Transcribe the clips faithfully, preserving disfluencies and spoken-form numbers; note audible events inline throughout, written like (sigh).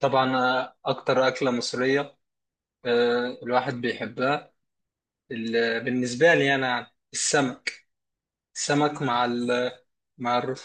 طبعا آه، أكتر أكلة مصرية. آه، الواحد بيحبها. ال- بالنسبة لي أنا يعني السمك. السمك مع ال مع الرز.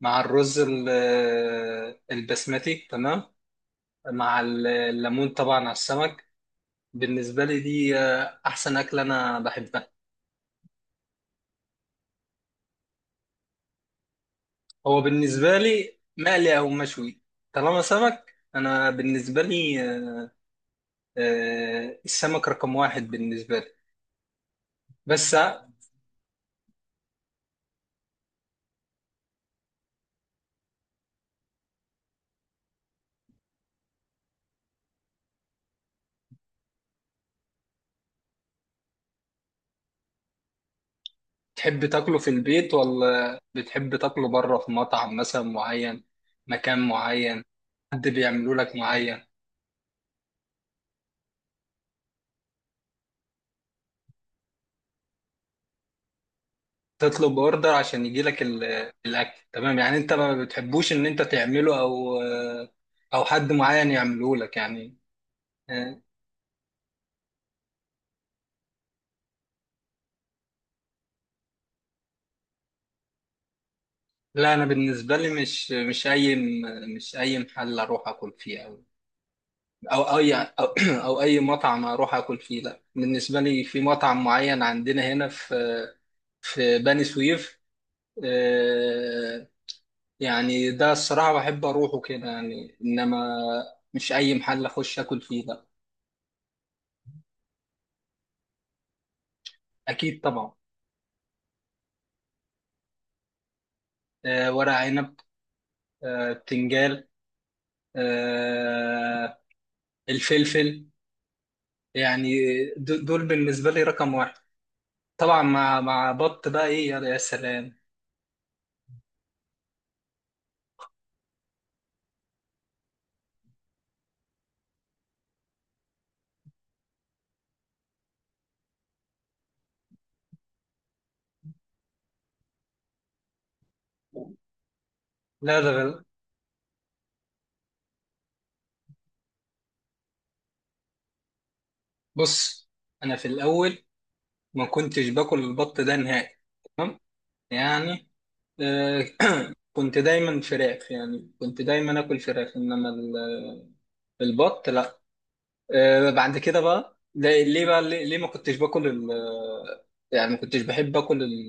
مع الرز ال- آه، البسمتي تمام. مع ال- الليمون طبعا على السمك. بالنسبة لي دي آه، أحسن أكلة أنا بحبها. هو بالنسبة لي مقلي أو مشوي. طالما سمك أنا بالنسبة لي، آه، آه، السمك رقم واحد بالنسبة لي. بس تحب تاكله في البيت ولا بتحب تاكله بره في مطعم مثلا معين، مكان معين، حد بيعمله لك معين؟ تطلب اوردر عشان يجي لك الاكل، تمام يعني انت ما بتحبوش ان انت تعمله او او حد معين يعمله لك يعني؟ آه، لا انا بالنسبه لي مش مش اي مش اي محل اروح اكل فيه او او اي او, (clears throat) أو اي مطعم اروح اكل فيه، لا. بالنسبه لي في مطعم معين عندنا هنا في في بني سويف، آه، يعني ده الصراحة بحب أروحه كده يعني، إنما مش أي محل أخش آكل فيه، لا. أكيد طبعا. آه، ورق عنب، آه، بتنجال، آه، الفلفل يعني، د- دول بالنسبة لي رقم واحد، طبعا مع مع بط. بقى إيه يا يا سلام. لا ده غل- بص، أنا في الأول ما كنتش باكل البط ده نهائي يعني. آه، (coughs) (clears throat) كنت دايما فراخ، يعني كنت دايما آكل فراخ، إنما ال- البط لا. آه، بعد كده بقى لا- ليه بقى ليه, ليه ما كنتش باكل ال آه، يعني ما كنتش بحب اكل ال-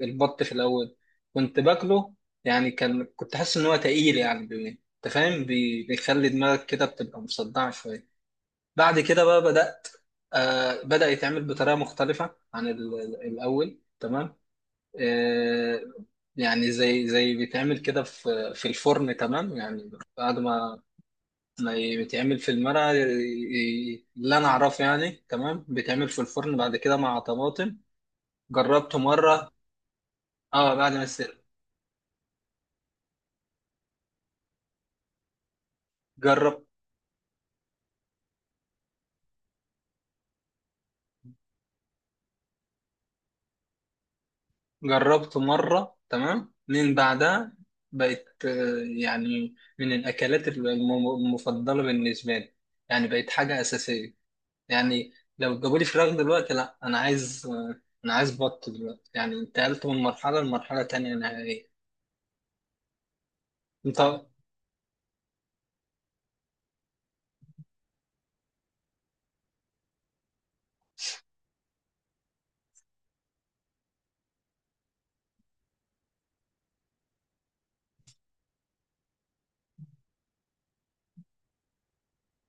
آه، البط. في الاول كنت باكله يعني، كان كنت حاسس ان هو تقيل يعني، بي- انت فاهم، بي- بيخلي دماغك كده بتبقى مصدعه شويه. بعد كده بقى بدات، آه بدا يتعمل بطريقه مختلفه عن ال- ال- الاول تمام. آه، يعني زي زي بيتعمل كده في في الفرن تمام يعني. بعد ما ما ي- بيتعمل في المرقة، ي- ي- اللي أنا أعرفه يعني، تمام بيتعمل في الفرن بعد كده مع طماطم. جربته مرة. أه بعد ما استوى، جرب. جربته مرة تمام، من بعدها بقت آه، يعني من الأكلات الم- المفضلة بالنسبة لي، يعني بقت حاجة أساسية يعني. لو جابولي فراخ دلوقتي لأ، أنا عايز، آه، أنا عايز بط دلوقتي. يعني انتقلت من مرحلة لمرحلة تانية نهائية. أنت،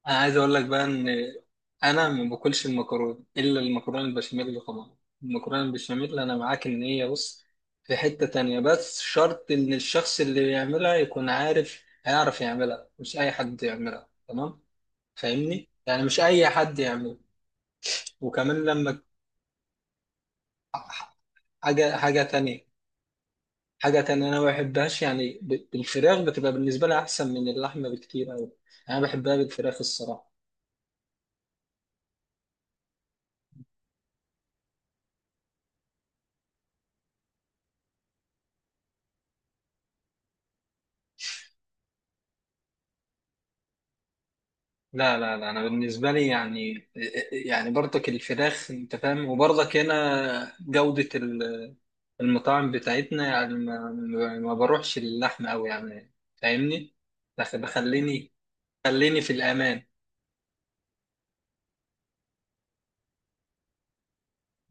انا عايز اقول لك بقى ان انا ما باكلش المكرونه الا المكرونه البشاميل طبعا. المكرونه البشاميل، انا معاك ان هي، بص، في حته تانية. بس شرط ان الشخص اللي بيعملها يكون عارف، هيعرف يعملها، مش اي حد يعملها، تمام. فاهمني يعني، مش اي حد يعملها. وكمان لما ك- حاجه، حاجه تانية حاجه تانية، انا ما بحبهاش يعني، ب- بالفراخ بتبقى بالنسبه لي احسن من اللحمه بكتير قوي. انا بحبها بالفراخ الصراحه. لا لا لا انا بالنسبه لي يعني، يعني برضك الفراخ انت فاهم، وبرضك هنا جوده ال- المطاعم بتاعتنا يعني ما, ما ما بروحش اللحمه قوي يعني فاهمني. بخ- بخليني، خليني في الامان.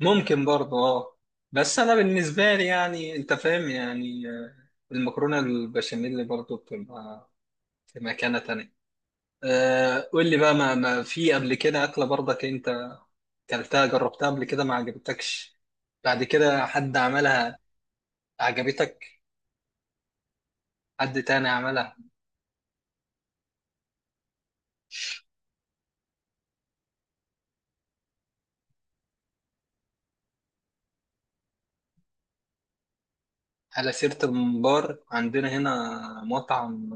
ممكن برضه، اه. بس انا بالنسبه لي يعني انت فاهم، يعني آه، المكرونه البشاميل برضه بتبقى في مكانه تانية. آه، قول لي بقى ما, ما في قبل كده اكله برضك كلتها، جربتها قبل كده ما عجبتكش، بعد كده حد عملها عجبتك، حد تاني عملها؟ على سيرة الممبار، عندنا هنا مطعم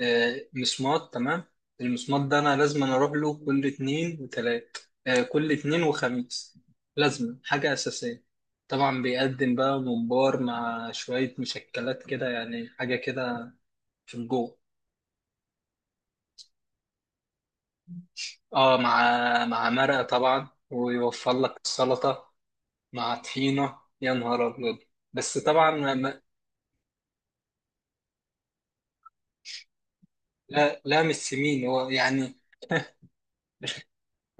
آه، مسمار، تمام. المسمار ده أنا لازم أنا أروح له كل اتنين وتلات، آه، كل اتنين وخميس. لازم، حاجة أساسية. طبعا بيقدم بقى ممبار مع شوية مشكلات كده، يعني حاجة كده في الجو. اه، مع مع مرقة طبعا، ويوفر لك السلطة، مع طحينة، يا نهار أبيض. بس طبعا ما ما- لا لا مش سمين هو يعني.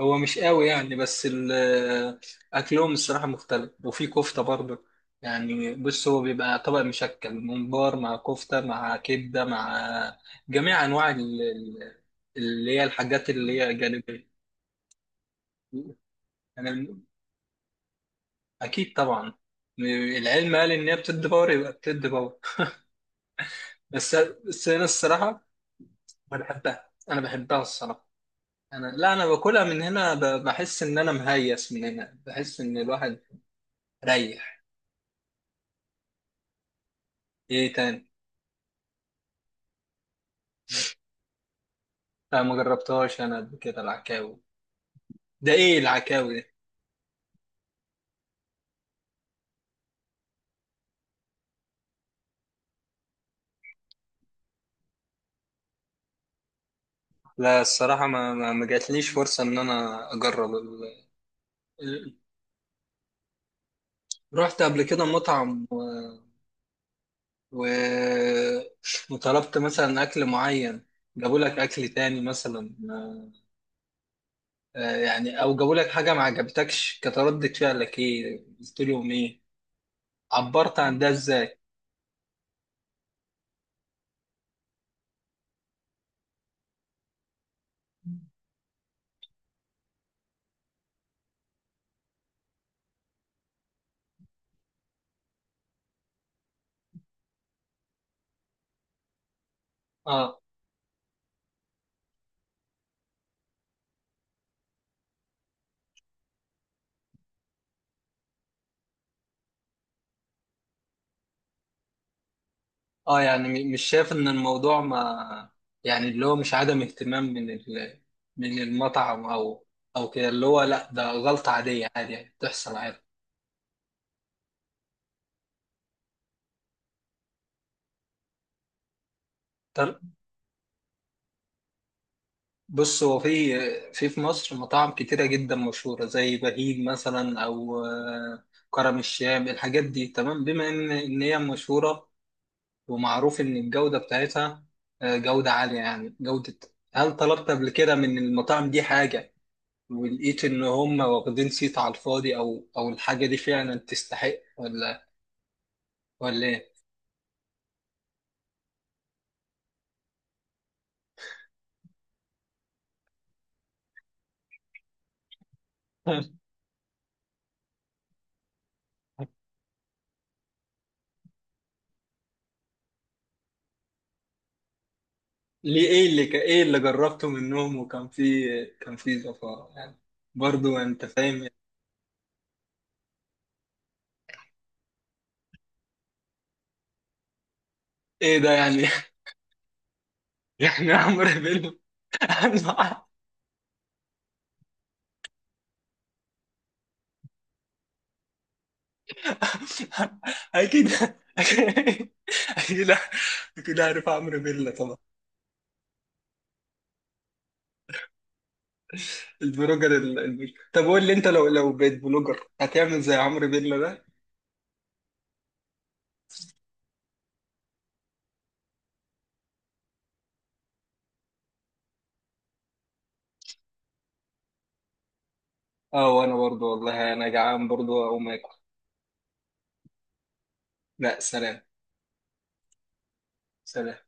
هو مش قوي يعني، بس ال- أكلهم الصراحة مختلف، وفي كفتة برضه يعني. بص، هو بيبقى طبق مشكل، ممبار مع كفتة مع كبدة مع جميع أنواع ال- ال- اللي هي الحاجات اللي هي جانبية. أنا أكيد طبعا. العلم قال إن هي بتدي باور، يبقى بتدي باور. بس بس أنا الصراحة، أنا بحبها. أنا بحبها الصراحة. انا، لا، انا باكلها من هنا، ب- بحس ان انا مهيس، من هنا بحس ان الواحد ريح. ايه تاني؟ لا ما جربتهاش انا قبل كده العكاوي. ده ايه العكاوي دي؟ لا الصراحه ما ما ما جاتليش فرصه ان انا اجرب ال... ال- رحت قبل كده مطعم و... وطلبت مثلا اكل معين، جابوا لك اكل تاني مثلا، آه، يعني او جابوا لك حاجه ما عجبتكش، كانت ردة فعلك ايه؟ قلت لهم ايه؟ عبرت عن ده ازاي؟ اه، اه يعني م- مش شايف ان الموضوع، ما يعني اللي هو مش عدم اهتمام من ال... من المطعم او او كده، اللي هو لا ده غلطة عادية، عادي يعني بتحصل، عادي. طب بص هو في في في مصر مطاعم كتيرة جدا مشهورة زي بهيج مثلا، او آه، كرم الشام، الحاجات دي تمام. بما ان ان هي مشهورة، ومعروف ان الجودة بتاعتها آه، جودة عالية، يعني جودة. هل طلبت قبل كده من المطاعم دي حاجة، ولقيت ان هم واخدين صيت على الفاضي، او او الحاجه دي فعلا تستحق، ولا ولا ايه؟ (laughs) ليه؟ ايه اللي ك- ايه اللي جربته منهم وكان في، كان في زفاء يعني؟ برضو انت فاهم؟ ايه ده يعني؟ (laughs) يعني عمرو بيلو. (laughs) اكيد، اكيد، اكيد، اكيد عارف عمرو بيلا طبعا، البلوجر ال- البل... طب قول لي انت لو لو بقيت بلوجر هتعمل زي عمرو بيلا ده؟ اه، وانا برضو والله انا جعان برضو اقوم اكل. لا، سلام. سلام.